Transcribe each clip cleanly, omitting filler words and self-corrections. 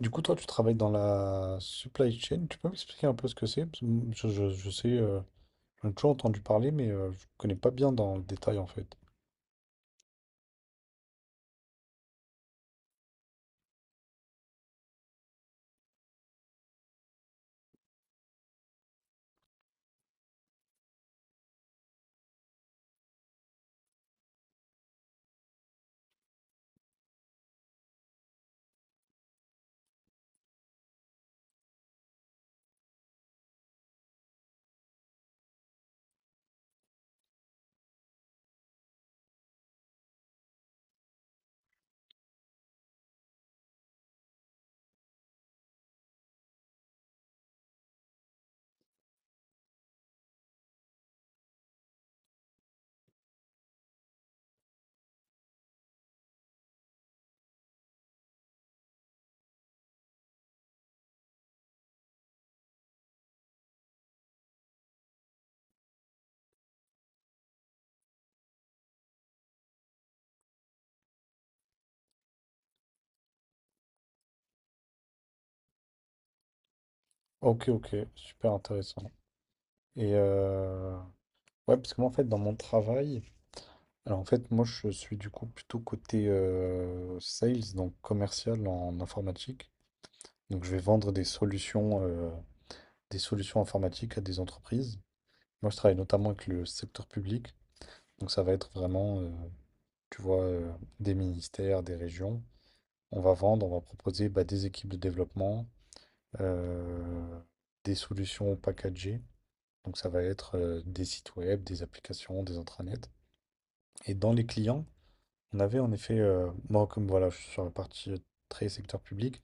Du coup, toi, tu travailles dans la supply chain. Tu peux m'expliquer un peu ce que c'est? Parce que je sais, j'en ai toujours entendu parler, mais je connais pas bien dans le détail en fait. Ok, ok, super intéressant. Et ouais, parce que moi, en fait, dans mon travail, alors en fait, moi, je suis du coup plutôt côté sales, donc commercial en informatique. Donc, je vais vendre des solutions informatiques à des entreprises. Moi, je travaille notamment avec le secteur public. Donc ça va être vraiment, tu vois, des ministères, des régions. On va vendre, on va proposer bah, des équipes de développement, euh, des solutions packagées. Donc ça va être des sites web, des applications, des intranets. Et dans les clients, on avait en effet, moi comme voilà, je suis sur la partie très secteur public,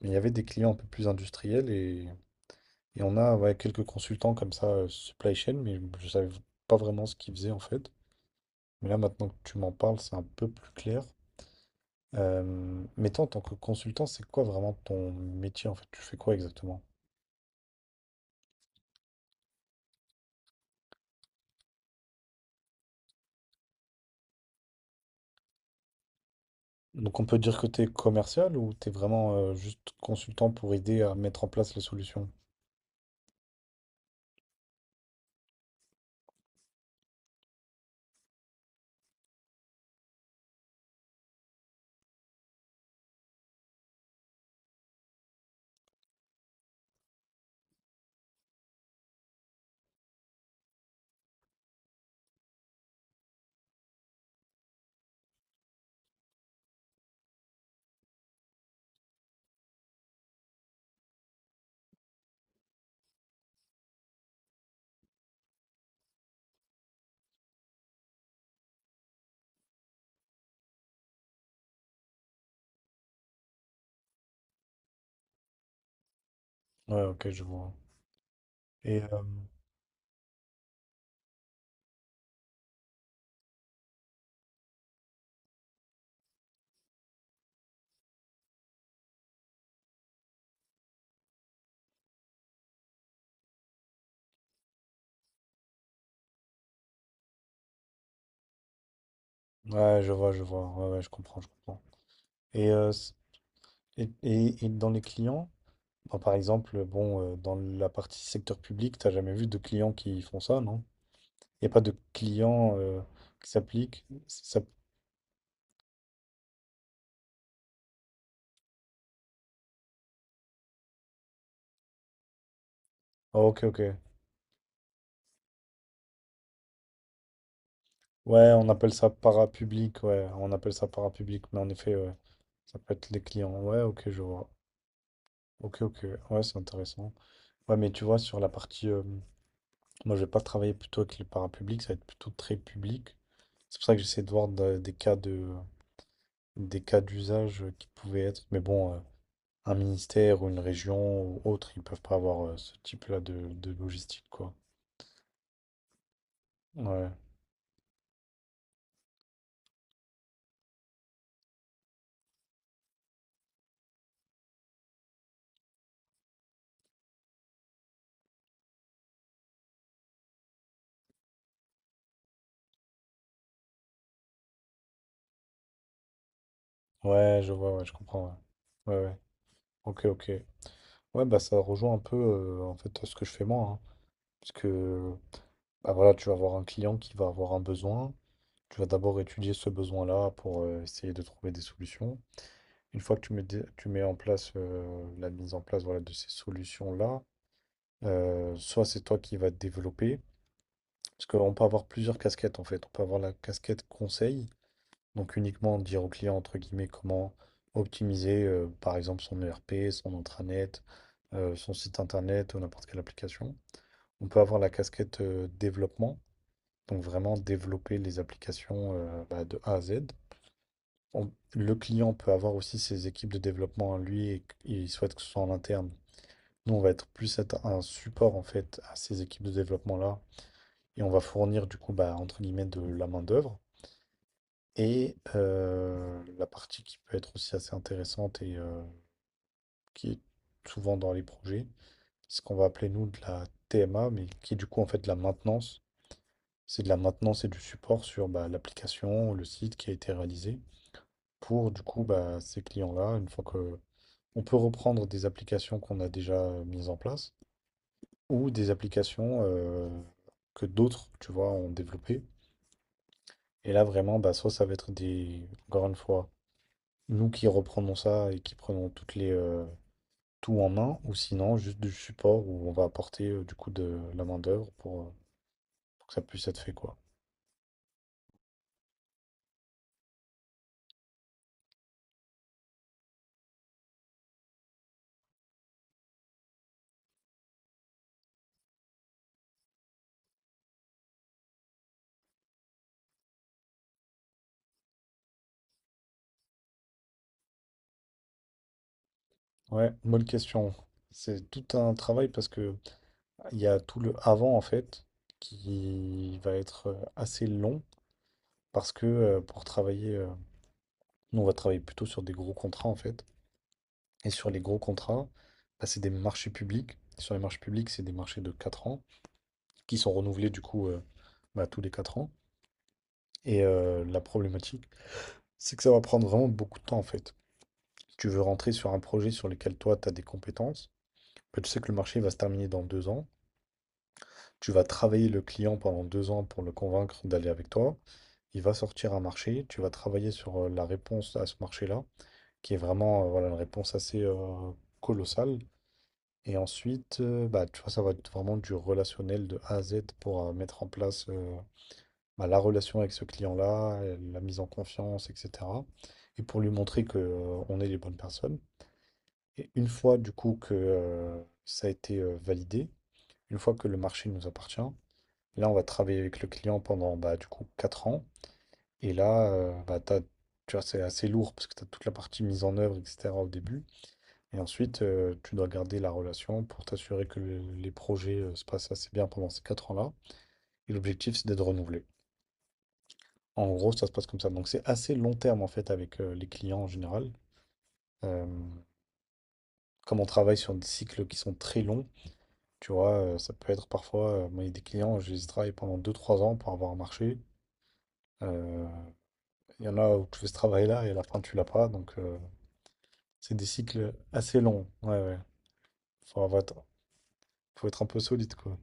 mais il y avait des clients un peu plus industriels et on a ouais, quelques consultants comme ça, supply chain, mais je ne savais pas vraiment ce qu'ils faisaient en fait. Mais là maintenant que tu m'en parles, c'est un peu plus clair. Mettons, en tant que consultant, c'est quoi vraiment ton métier en fait? Tu fais quoi exactement? Donc on peut dire que tu es commercial ou tu es vraiment juste consultant pour aider à mettre en place les solutions? Ouais, ok, je vois. Et ouais, je vois, je vois. Ouais, ouais, je comprends, je comprends. Et, euh, s- et dans les clients, enfin, par exemple, bon, dans la partie secteur public, t'as jamais vu de clients qui font ça, non? Il n'y a pas de clients qui s'appliquent. Oh, ok, ok. Ouais, on appelle ça parapublic, ouais. On appelle ça parapublic, mais en effet, ouais. Ça peut être les clients. Ouais, ok, je vois. Ok, ok. Ouais, c'est intéressant. Ouais, mais tu vois, sur la partie, moi, je vais pas travailler plutôt avec le parapublic, ça va être plutôt très public. C'est pour ça que j'essaie de voir des cas d'usage qui pouvaient être. Mais bon, un ministère ou une région ou autre, ils peuvent pas avoir ce type-là de logistique, quoi. Ouais. Ouais, je vois, ouais, je comprends. Ouais, ouais, ouais. Ok, ok. Ouais, bah ça rejoint un peu en fait ce que je fais moi, hein. Parce que bah voilà, tu vas avoir un client qui va avoir un besoin. Tu vas d'abord étudier ce besoin-là pour essayer de trouver des solutions. Une fois que tu mets en place la mise en place voilà, de ces solutions-là, soit c'est toi qui vas te développer. Parce qu'on peut avoir plusieurs casquettes en fait. On peut avoir la casquette conseil, donc uniquement dire au client entre guillemets comment optimiser par exemple son ERP, son intranet, son site internet ou n'importe quelle application. On peut avoir la casquette développement, donc vraiment développer les applications bah, de A à Z. Le client peut avoir aussi ses équipes de développement à lui et il souhaite que ce soit en interne. Nous, on va être plus être un support en fait à ces équipes de développement-là et on va fournir du coup bah, entre guillemets de la main-d'œuvre. Et la partie qui peut être aussi assez intéressante et qui est souvent dans les projets, c'est ce qu'on va appeler nous de la TMA, mais qui est du coup en fait de la maintenance. C'est de la maintenance et du support sur bah, l'application, le site qui a été réalisé pour du coup bah, ces clients-là, une fois que on peut reprendre des applications qu'on a déjà mises en place ou des applications que d'autres, tu vois, ont développées. Et là vraiment, bah, soit ça va être des, encore une fois, nous qui reprenons ça et qui prenons toutes les tout en main, ou sinon juste du support où on va apporter du coup de la main-d'œuvre pour que ça puisse être fait quoi. Ouais, bonne question. C'est tout un travail parce que il y a tout le avant en fait qui va être assez long parce que pour travailler, nous on va travailler plutôt sur des gros contrats en fait. Et sur les gros contrats, bah, c'est des marchés publics. Sur les marchés publics, c'est des marchés de 4 ans qui sont renouvelés du coup bah, tous les 4 ans. Et la problématique, c'est que ça va prendre vraiment beaucoup de temps en fait. Si tu veux rentrer sur un projet sur lequel toi tu as des compétences, bah, tu sais que le marché va se terminer dans 2 ans. Tu vas travailler le client pendant 2 ans pour le convaincre d'aller avec toi. Il va sortir un marché. Tu vas travailler sur la réponse à ce marché-là, qui est vraiment voilà, une réponse assez colossale. Et ensuite, bah, tu vois, ça va être vraiment du relationnel de A à Z pour mettre en place bah, la relation avec ce client-là, la mise en confiance, etc. Et pour lui montrer que, on est les bonnes personnes. Et une fois, du coup, que ça a été validé, une fois que le marché nous appartient, là, on va travailler avec le client pendant, bah, du coup, 4 ans. Et là, bah, tu vois, c'est assez lourd parce que tu as toute la partie mise en œuvre, etc. au début. Et ensuite, tu dois garder la relation pour t'assurer que les projets se passent assez bien pendant ces 4 ans-là. Et l'objectif, c'est d'être renouvelé. En gros, ça se passe comme ça. Donc, c'est assez long terme, en fait, avec les clients en général. Euh, Comme on travaille sur des cycles qui sont très longs, tu vois, ça peut être parfois, moi, il y a des clients, je les travaille pendant 2, 3 ans pour avoir un marché. Euh, Il y en a où tu fais ce travail-là et à la fin tu l'as pas, donc c'est des cycles assez longs. Ouais, ouais. Faut avoir- Faut être un peu solide, quoi.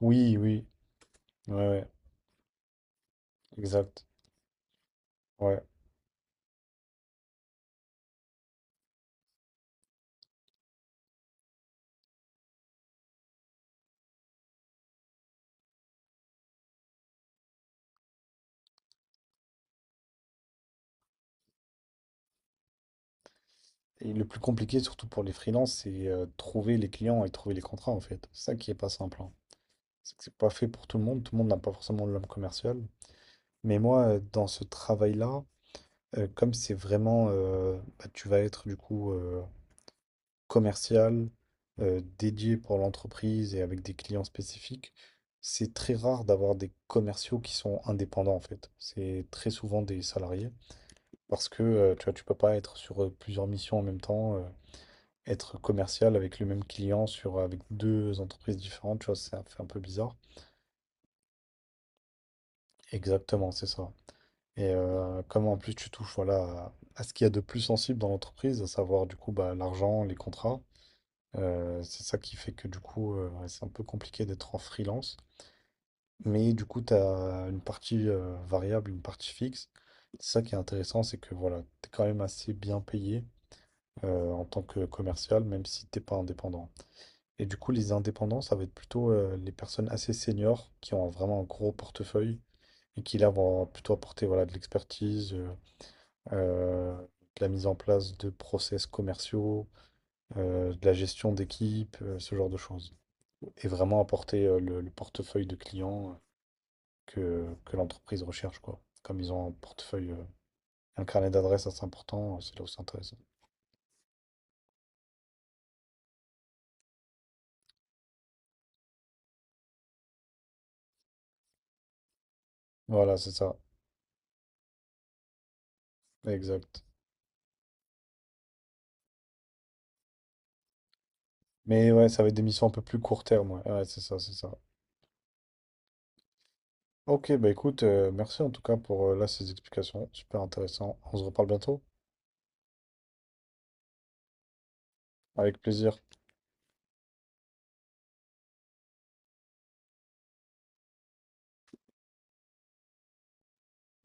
Oui, oui, ouais, ouais, exact. Ouais. Et le plus compliqué, surtout pour les freelances, c'est trouver les clients et trouver les contrats, en fait. C'est ça qui est pas simple, hein. C'est que c'est pas fait pour tout le monde. Tout le monde n'a pas forcément l'homme commercial. Mais moi, dans ce travail-là, comme c'est vraiment, bah, tu vas être du coup commercial dédié pour l'entreprise et avec des clients spécifiques, c'est très rare d'avoir des commerciaux qui sont indépendants en fait. C'est très souvent des salariés parce que tu vois, tu peux pas être sur plusieurs missions en même temps, être commercial avec le même client sur avec deux entreprises différentes, tu vois, ça fait un peu bizarre. Exactement, c'est ça. Et comme en plus tu touches voilà à ce qu'il y a de plus sensible dans l'entreprise, à savoir du coup bah, l'argent, les contrats. C'est ça qui fait que du coup, ouais, c'est un peu compliqué d'être en freelance. Mais du coup, tu as une partie variable, une partie fixe. C'est ça qui est intéressant, c'est que voilà, tu es quand même assez bien payé en tant que commercial, même si t'es pas indépendant. Et du coup, les indépendants, ça va être plutôt les personnes assez seniors qui ont vraiment un gros portefeuille et qui là vont plutôt apporter voilà, de l'expertise, euh, de la mise en place de process commerciaux, de la gestion d'équipe, ce genre de choses. Et vraiment apporter le portefeuille de clients que l'entreprise recherche, quoi. Comme ils ont un portefeuille, un carnet d'adresses assez important, c'est là où c'est intéressant. Voilà, c'est ça, exact. Mais ouais, ça va être des missions un peu plus court terme, ouais, ouais, c'est ça, c'est ça. Ok, bah écoute, merci en tout cas pour là ces explications, super intéressant. On se reparle bientôt, avec plaisir.